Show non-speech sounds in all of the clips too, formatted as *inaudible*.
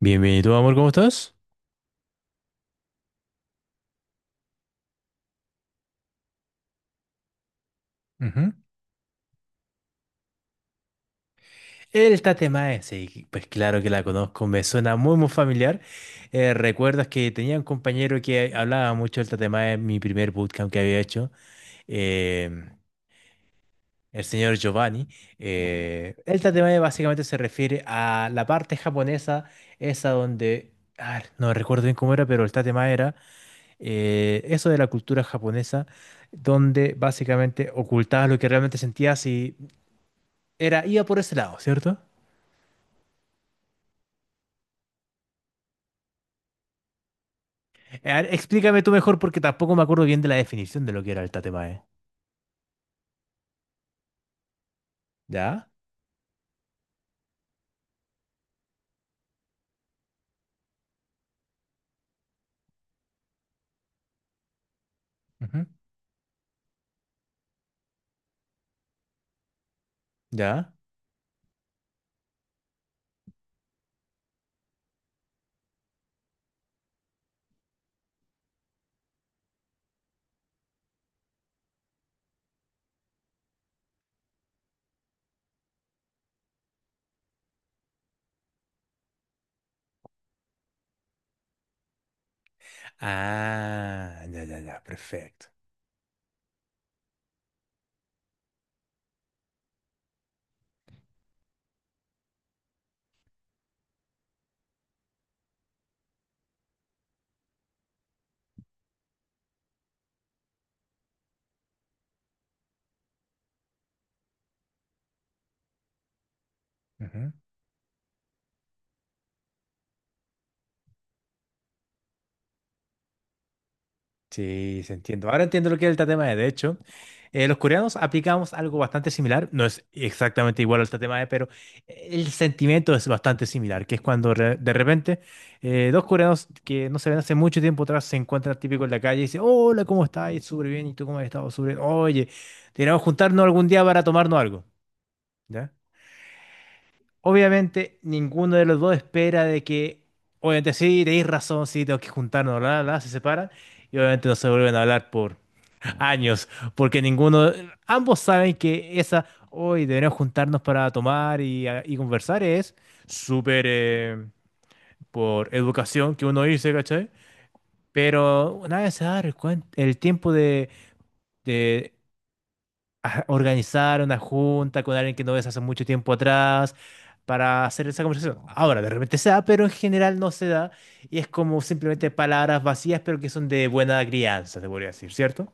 Bienvenido, amor, ¿cómo estás? Ujú. Esta tema sí, pues claro que la conozco, me suena muy, muy familiar. ¿Recuerdas que tenía un compañero que hablaba mucho del Tatemae en mi primer bootcamp que había hecho? em, el señor Giovanni. El tatemae básicamente se refiere a la parte japonesa, esa donde, a no recuerdo bien cómo era, pero el tatemae era eso de la cultura japonesa, donde básicamente ocultabas lo que realmente sentías. Y era, iba por ese lado, ¿cierto? A ver, explícame tú mejor porque tampoco me acuerdo bien de la definición de lo que era el tatemae. ¿Ya? Ujú. ¿Ya? Ah, ya, ya, ya, perfecto. Sí, se entiendo. Ahora entiendo lo que es el tatema de. De hecho, los coreanos aplicamos algo bastante similar. No es exactamente igual al tatema de, pero el sentimiento es bastante similar, que es cuando de repente dos coreanos que no se ven hace mucho tiempo atrás se encuentran típico en la calle y dicen, hola, ¿cómo estás? Súper bien. ¿Y tú cómo has estado? Súper bien. Oye, deberíamos juntarnos algún día para tomarnos algo. ¿Ya? Obviamente, ninguno de los dos espera de que, obviamente, sí, tenéis razón, sí, tengo que juntarnos, bla, bla, bla, se separan y obviamente no se vuelven a hablar por años, porque ninguno, ambos saben que esa, hoy deberíamos juntarnos para tomar y conversar, es súper por educación que uno dice, ¿cachai? Pero nadie se da el tiempo de organizar una junta con alguien que no ves hace mucho tiempo atrás para hacer esa conversación. Ahora, de repente se da, pero en general no se da y es como simplemente palabras vacías, pero que son de buena crianza, te podría decir, ¿cierto?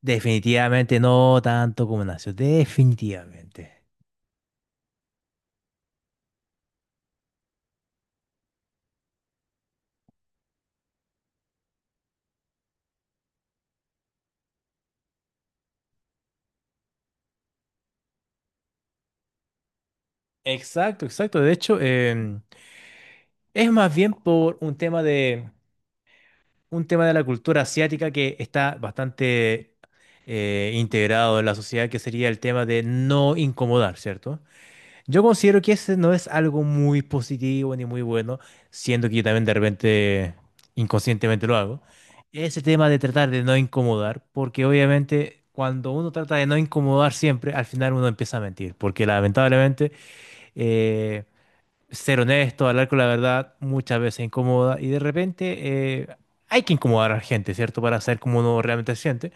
Definitivamente no tanto como nació, definitivamente. Exacto, exacto. De hecho, es más bien por un tema de la cultura asiática que está bastante integrado en la sociedad, que sería el tema de no incomodar, ¿cierto? Yo considero que ese no es algo muy positivo ni muy bueno, siendo que yo también de repente inconscientemente lo hago. Ese tema de tratar de no incomodar, porque obviamente cuando uno trata de no incomodar siempre, al final uno empieza a mentir, porque lamentablemente eh, ser honesto, hablar con la verdad, muchas veces incomoda y de repente hay que incomodar a la gente, ¿cierto? Para saber cómo uno realmente se siente.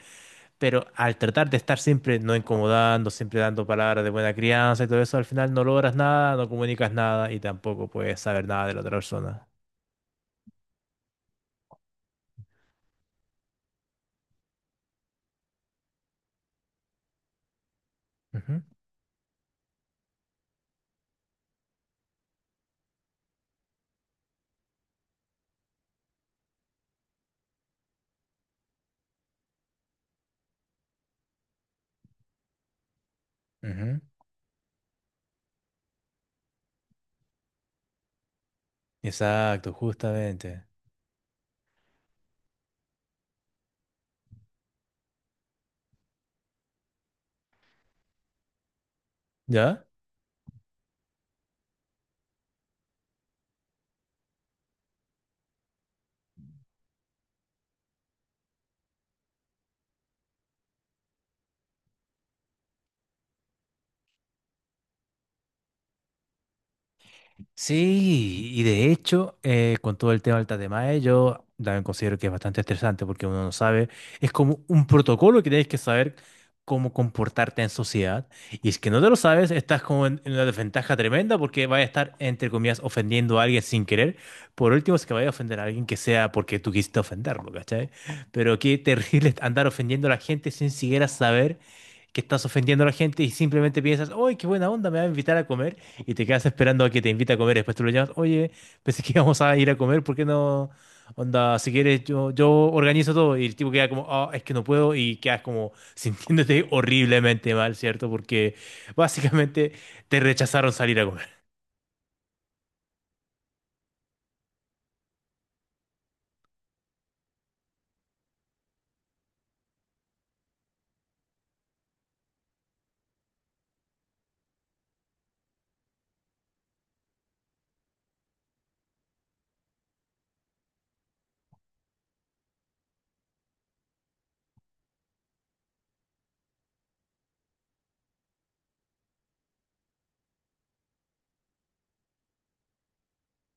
Pero al tratar de estar siempre no incomodando, siempre dando palabras de buena crianza y todo eso, al final no logras nada, no comunicas nada y tampoco puedes saber nada de la otra persona. Ujú. Ujú. Exacto, justamente. Ya. Sí, y de hecho, con todo el tema del tatemae, yo también considero que es bastante estresante porque uno no sabe, es como un protocolo que tienes que saber cómo comportarte en sociedad. Y es que no te lo sabes, estás como en una desventaja tremenda porque vas a estar, entre comillas, ofendiendo a alguien sin querer. Por último, si es que vaya a ofender a alguien que sea porque tú quisiste ofenderlo, ¿cachai? Pero qué terrible *laughs* andar ofendiendo a la gente sin siquiera saber que estás ofendiendo a la gente y simplemente piensas, ¡ay, qué buena onda! Me va a invitar a comer y te quedas esperando a que te invite a comer. Después tú lo llamas, oye, pensé que íbamos a ir a comer, ¿por qué no? Onda, si quieres, yo organizo todo. Y el tipo queda como, ah, es que no puedo. Y quedas como *laughs* sintiéndote horriblemente mal, ¿cierto? Porque básicamente te rechazaron salir a comer.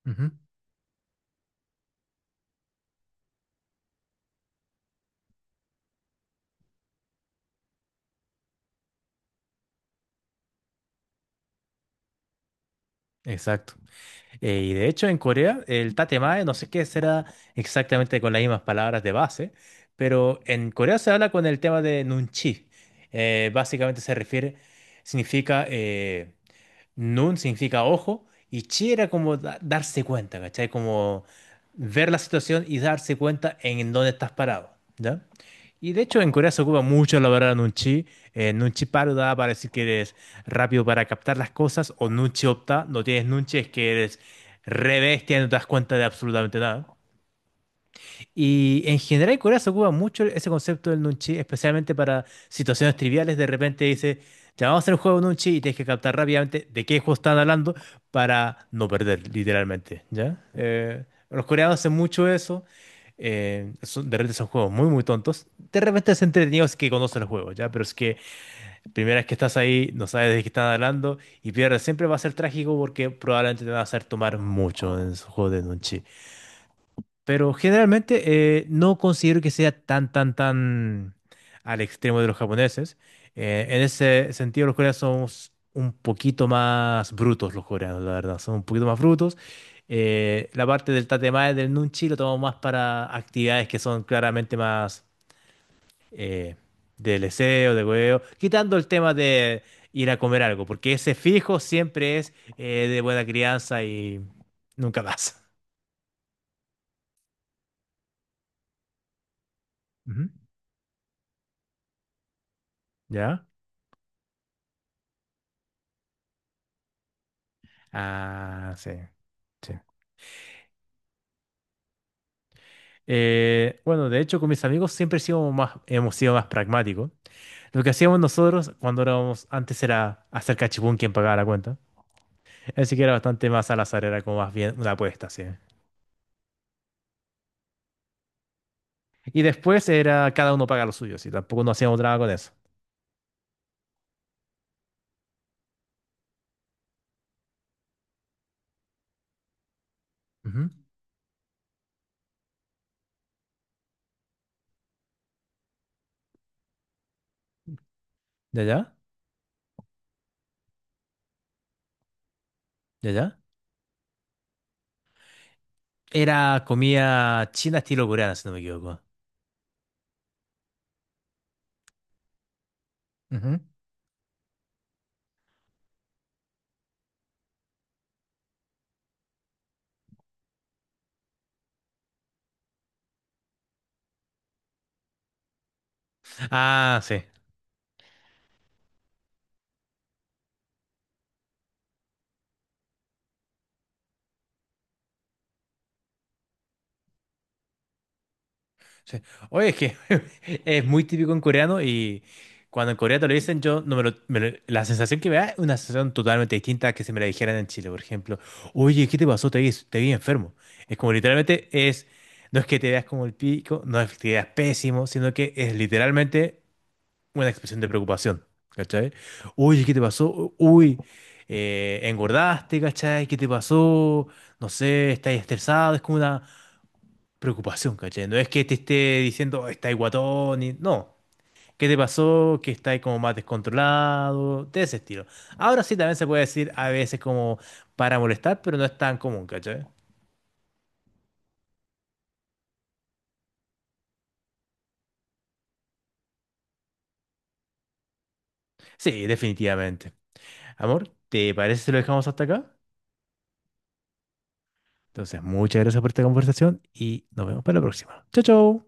Ujú. Exacto. Y de hecho, en Corea, el tatemae, no sé qué será exactamente con las mismas palabras de base, pero en Corea se habla con el tema de nunchi. Básicamente se refiere, significa, nun significa ojo, y chi era como darse cuenta, ¿cachai? Como ver la situación y darse cuenta en dónde estás parado, ¿ya? Y de hecho en Corea se ocupa mucho la palabra nunchi. Nunchi paruda para decir que eres rápido para captar las cosas o nunchi opta. No tienes nunchi es que eres Rebestia, no te das cuenta de absolutamente nada. Y en general en Corea se ocupa mucho ese concepto del nunchi, especialmente para situaciones triviales. De repente dice, ya vamos a hacer un juego de nunchi y tienes que captar rápidamente de qué juego están hablando para no perder, literalmente, ¿ya? Los coreanos hacen mucho eso. De repente son juegos muy, muy tontos. De repente es entretenido si es que conocen los juegos, ¿ya? Pero es que primera vez que estás ahí, no sabes de qué están hablando y pierdes. Siempre va a ser trágico porque probablemente te va a hacer tomar mucho en esos juegos de nunchi. Pero generalmente no considero que sea tan, tan, tan al extremo de los japoneses. En ese sentido, los coreanos somos un poquito más brutos, los coreanos, la verdad. Son un poquito más brutos. La parte del tatemae, del nunchi, lo tomamos más para actividades que son claramente más eh, de leseo, de hueveo. Quitando el tema de ir a comer algo, porque ese fijo siempre es de buena crianza y nunca más. Ujú. ¿Ya? Ah, sí, sí. Bueno, de hecho, con mis amigos siempre sido más, hemos sido más pragmáticos. Lo que hacíamos nosotros cuando éramos antes era hacer cachipún quien pagaba la cuenta. Así que era bastante más al azar, era como más bien una apuesta, sí. Y después era cada uno paga lo suyo, sí. Tampoco no hacíamos nada con eso. Ujú. ¿Ya, ya? ¿Ya, ya? Era comida china estilo coreana, si no me equivoco. Ujú. Ah, sí. Sí. Oye, es que *laughs* es muy típico en coreano y cuando en Corea te lo dicen, yo no me lo, la sensación que me da es una sensación totalmente distinta a que se me la dijeran en Chile, por ejemplo. Oye, ¿qué te pasó? Te vi enfermo. Es como literalmente es, no es que te veas como el pico, no es que te veas pésimo, sino que es literalmente una expresión de preocupación, ¿cachai? Oye, ¿qué te pasó? Uy, engordaste, ¿cachai? ¿Qué te pasó? No sé, estás estresado, es como una preocupación, ¿cachai? No es que te esté diciendo, "Oh, está ahí guatón, y... no. ¿Qué te pasó? Que está ahí como más descontrolado, de ese estilo. Ahora sí también se puede decir a veces como para molestar, pero no es tan común, ¿cachai? Sí, definitivamente. Amor, ¿te parece si lo dejamos hasta acá? Entonces, muchas gracias por esta conversación y nos vemos para la próxima. Chao, chao.